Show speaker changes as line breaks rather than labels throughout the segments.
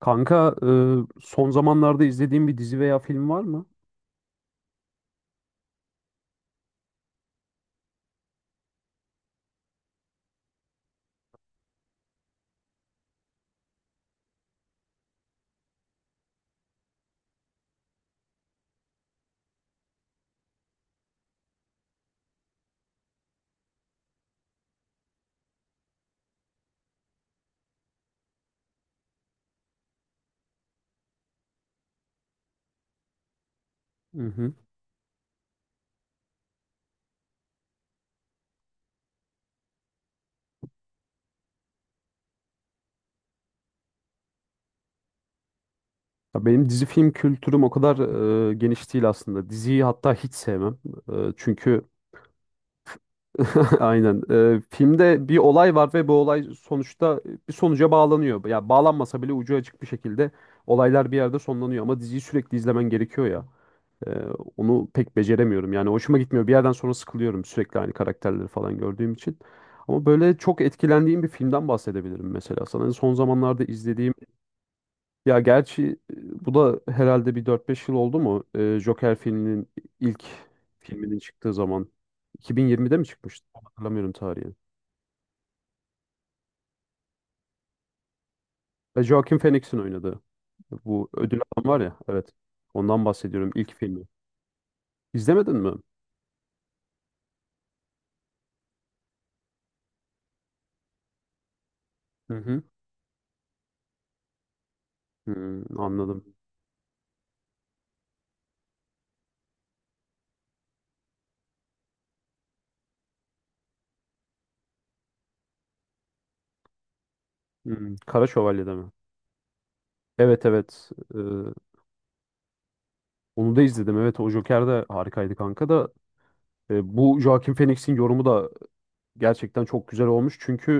Kanka, son zamanlarda izlediğim bir dizi veya film var mı? Hı hı. Ya benim dizi film kültürüm o kadar geniş değil aslında. Diziyi hatta hiç sevmem. Çünkü aynen, filmde bir olay var ve bu olay sonuçta bir sonuca bağlanıyor. Ya bağlanmasa bile ucu açık bir şekilde olaylar bir yerde sonlanıyor ama diziyi sürekli izlemen gerekiyor ya. Ee, onu pek beceremiyorum. Yani hoşuma gitmiyor. Bir yerden sonra sıkılıyorum sürekli aynı karakterleri falan gördüğüm için. Ama böyle çok etkilendiğim bir filmden bahsedebilirim mesela sana. Son zamanlarda izlediğim, ya gerçi bu da herhalde bir dört beş yıl oldu mu? Joker filminin ilk filminin çıktığı zaman 2020'de mi çıkmıştı? Tam hatırlamıyorum tarihini. Ve Joaquin Phoenix'in oynadığı bu ödül adam var ya, evet. Ondan bahsediyorum, ilk filmi. İzlemedin mi? Hı hı. Hmm, anladım. Hmm, Kara Şövalye'de mi? Evet, evet. Ee, onu da izledim. Evet, o Joker de harikaydı kanka da. Bu Joaquin Phoenix'in yorumu da gerçekten çok güzel olmuş. Çünkü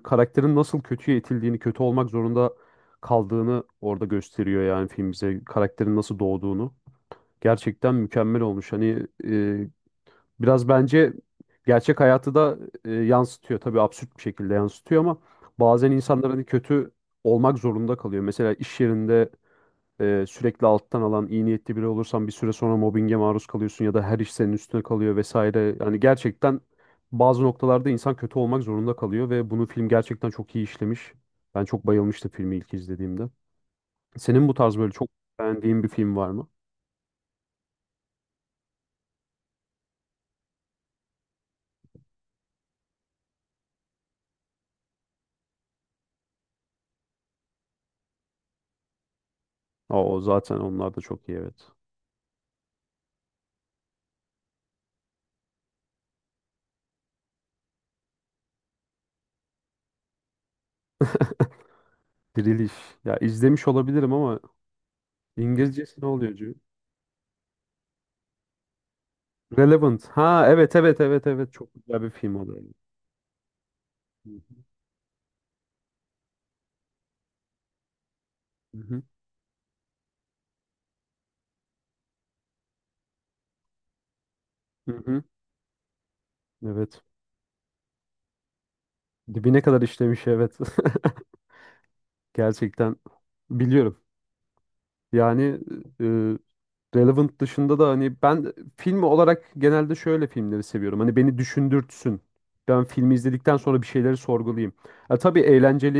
karakterin nasıl kötüye itildiğini, kötü olmak zorunda kaldığını orada gösteriyor, yani film bize. Karakterin nasıl doğduğunu. Gerçekten mükemmel olmuş. Hani biraz bence gerçek hayatı da yansıtıyor. Tabii absürt bir şekilde yansıtıyor ama bazen insanların kötü olmak zorunda kalıyor. Mesela iş yerinde sürekli alttan alan iyi niyetli biri olursan bir süre sonra mobbinge maruz kalıyorsun ya da her iş senin üstüne kalıyor vesaire. Yani gerçekten bazı noktalarda insan kötü olmak zorunda kalıyor ve bunu film gerçekten çok iyi işlemiş. Ben çok bayılmıştım filmi ilk izlediğimde. Senin bu tarz böyle çok beğendiğin bir film var mı? Aa, o zaten, onlar da çok iyi, evet. Diriliş. Ya izlemiş olabilirim ama İngilizcesi ne oluyor Cü? Relevant. Ha evet, evet, evet, evet, çok güzel bir film o da. Hı hı. Hı hı. Hı hı. Evet. Dibine kadar işlemiş, evet. Gerçekten biliyorum. Yani, e, Relevant dışında da hani ben film olarak genelde şöyle filmleri seviyorum. Hani beni düşündürtsün. Ben filmi izledikten sonra bir şeyleri sorgulayayım. Ha, tabii eğlenceli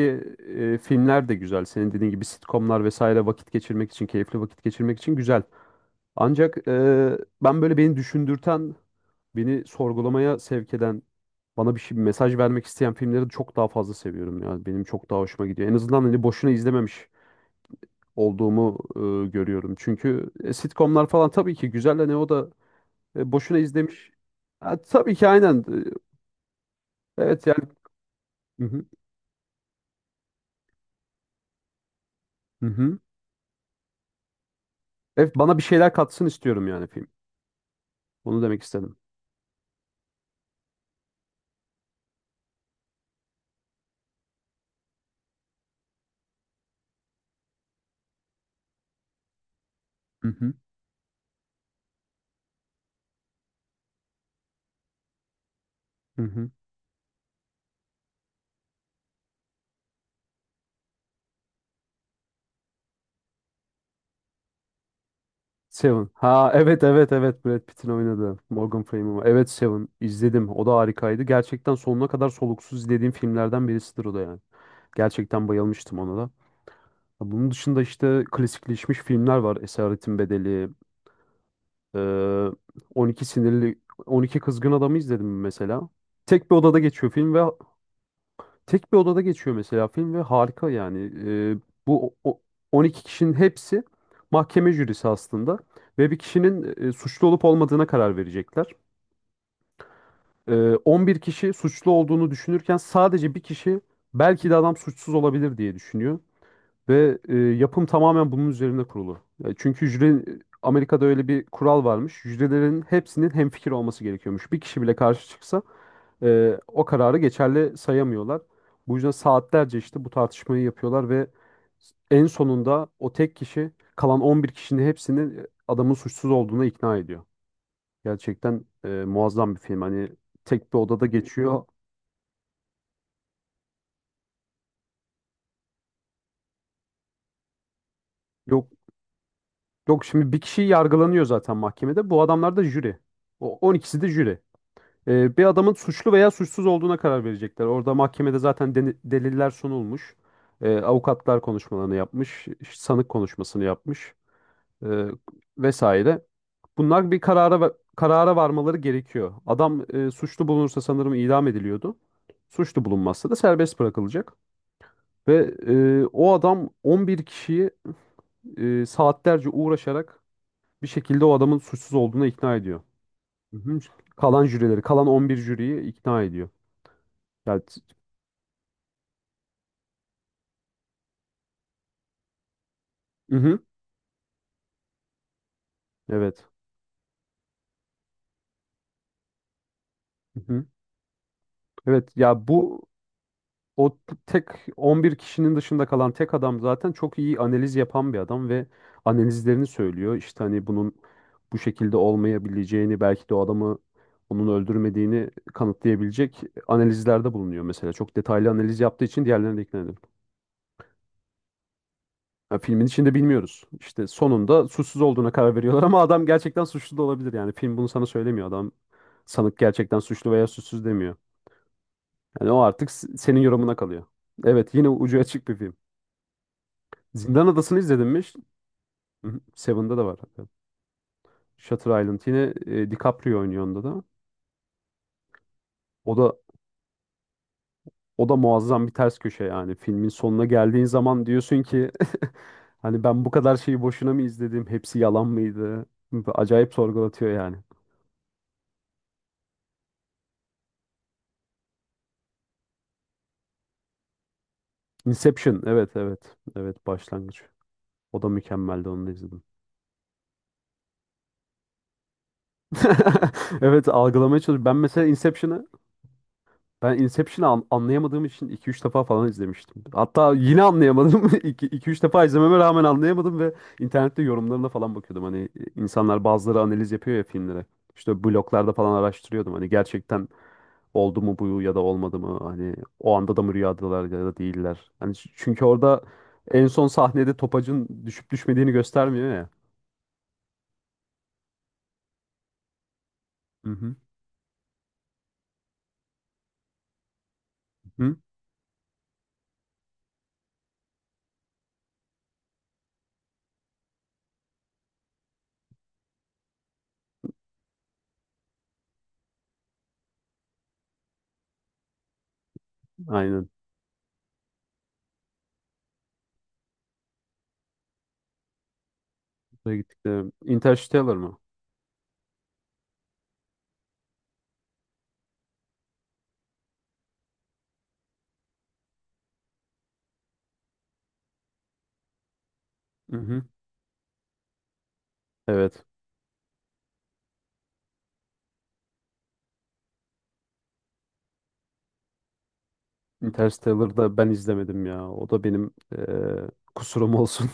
filmler de güzel. Senin dediğin gibi sitcomlar vesaire vakit geçirmek için, keyifli vakit geçirmek için güzel. Ancak ben böyle beni düşündürten, beni sorgulamaya sevk eden, bana bir şey, mesaj vermek isteyen filmleri çok daha fazla seviyorum ya. Benim çok daha hoşuma gidiyor. En azından hani boşuna izlememiş olduğumu görüyorum. Çünkü sitcomlar falan tabii ki güzel de ne o da boşuna izlemiş. Ha, tabii ki aynen. E, evet yani. Hı hı. Hı hı. Evet, bana bir şeyler katsın istiyorum yani film. Onu demek istedim. Hı hı. Hı hı. Seven. Ha evet, evet, evet, Brad Pitt'in oynadığı, Morgan Freeman var. Evet, Seven izledim. O da harikaydı. Gerçekten sonuna kadar soluksuz izlediğim filmlerden birisidir o da yani. Gerçekten bayılmıştım ona da. Bunun dışında işte klasikleşmiş filmler var. Esaretin Bedeli, Ee, 12 sinirli, 12 kızgın adamı izledim mesela. Tek bir odada geçiyor film ve tek bir odada geçiyor mesela film ve harika yani. Ee, bu o- o- 12 kişinin hepsi mahkeme jürisi aslında ve bir kişinin suçlu olup olmadığına karar verecekler. Ee, 11 kişi suçlu olduğunu düşünürken sadece bir kişi belki de adam suçsuz olabilir diye düşünüyor. Ve yapım tamamen bunun üzerine kurulu. Çünkü jüri, Amerika'da öyle bir kural varmış. Jürilerin hepsinin hemfikir olması gerekiyormuş. Bir kişi bile karşı çıksa o kararı geçerli sayamıyorlar. Bu yüzden saatlerce işte bu tartışmayı yapıyorlar ve en sonunda o tek kişi kalan 11 kişinin hepsini adamın suçsuz olduğuna ikna ediyor. Gerçekten muazzam bir film. Hani tek bir odada geçiyor. Yok yok, şimdi bir kişi yargılanıyor zaten mahkemede. Bu adamlar da jüri. O 12'si de jüri. Bir adamın suçlu veya suçsuz olduğuna karar verecekler. Orada mahkemede zaten deliller sunulmuş. Avukatlar konuşmalarını yapmış, sanık konuşmasını yapmış, ee, vesaire. Bunlar bir karara karara varmaları gerekiyor. Adam suçlu bulunursa sanırım idam ediliyordu. Suçlu bulunmazsa da serbest bırakılacak. Ve o adam 11 kişiyi saatlerce uğraşarak bir şekilde o adamın suçsuz olduğuna ikna ediyor. Hı hı. Kalan jürileri, kalan 11 jüriyi ikna ediyor. Yani Hı hı. Evet. Hı hı. Evet ya, bu o tek 11 kişinin dışında kalan tek adam zaten çok iyi analiz yapan bir adam ve analizlerini söylüyor. İşte hani bunun bu şekilde olmayabileceğini, belki de o adamı, onun öldürmediğini kanıtlayabilecek analizlerde bulunuyor mesela. Çok detaylı analiz yaptığı için diğerlerine de ikna ediyorum. Ya filmin içinde bilmiyoruz. İşte sonunda suçsuz olduğuna karar veriyorlar ama adam gerçekten suçlu da olabilir yani. Film bunu sana söylemiyor. Adam, sanık gerçekten suçlu veya suçsuz demiyor. Yani o artık senin yorumuna kalıyor. Evet, yine ucu açık bir film. Zindan Adası'nı izledin mi? Hı hı, Seven'da da var hatta. Shutter Island, yine DiCaprio oynuyor onda da. O da o da muazzam bir ters köşe yani. Filmin sonuna geldiğin zaman diyorsun ki hani ben bu kadar şeyi boşuna mı izledim? Hepsi yalan mıydı? Acayip sorgulatıyor yani. Inception, evet evet. Evet, başlangıç. O da mükemmeldi, onu da izledim. Evet, algılamaya çalışıyorum. Ben Inception'ı anlayamadığım için iki üç defa falan izlemiştim. Hatta yine anlayamadım. iki üç defa izlememe rağmen anlayamadım ve internette yorumlarına falan bakıyordum. Hani insanlar, bazıları analiz yapıyor ya filmlere. İşte bloglarda falan araştırıyordum. Hani gerçekten oldu mu bu ya da olmadı mı? Hani o anda da mı rüyadalar ya da değiller? Hani çünkü orada en son sahnede topacın düşüp düşmediğini göstermiyor ya. Hı hı. Hı. Aynen. Oraya gittik, Interstellar mı? Hı hı. Evet. Interstellar'da ben izlemedim ya. O da benim eee, kusurum olsun.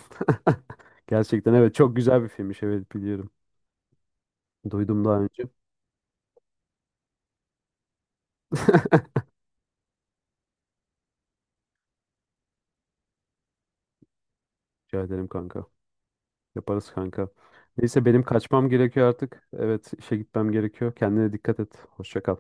Gerçekten, evet, çok güzel bir filmmiş. Evet, biliyorum. Duydum daha önce. Rica ederim kanka. Yaparız kanka. Neyse, benim kaçmam gerekiyor artık. Evet, işe gitmem gerekiyor. Kendine dikkat et. Hoşça kal.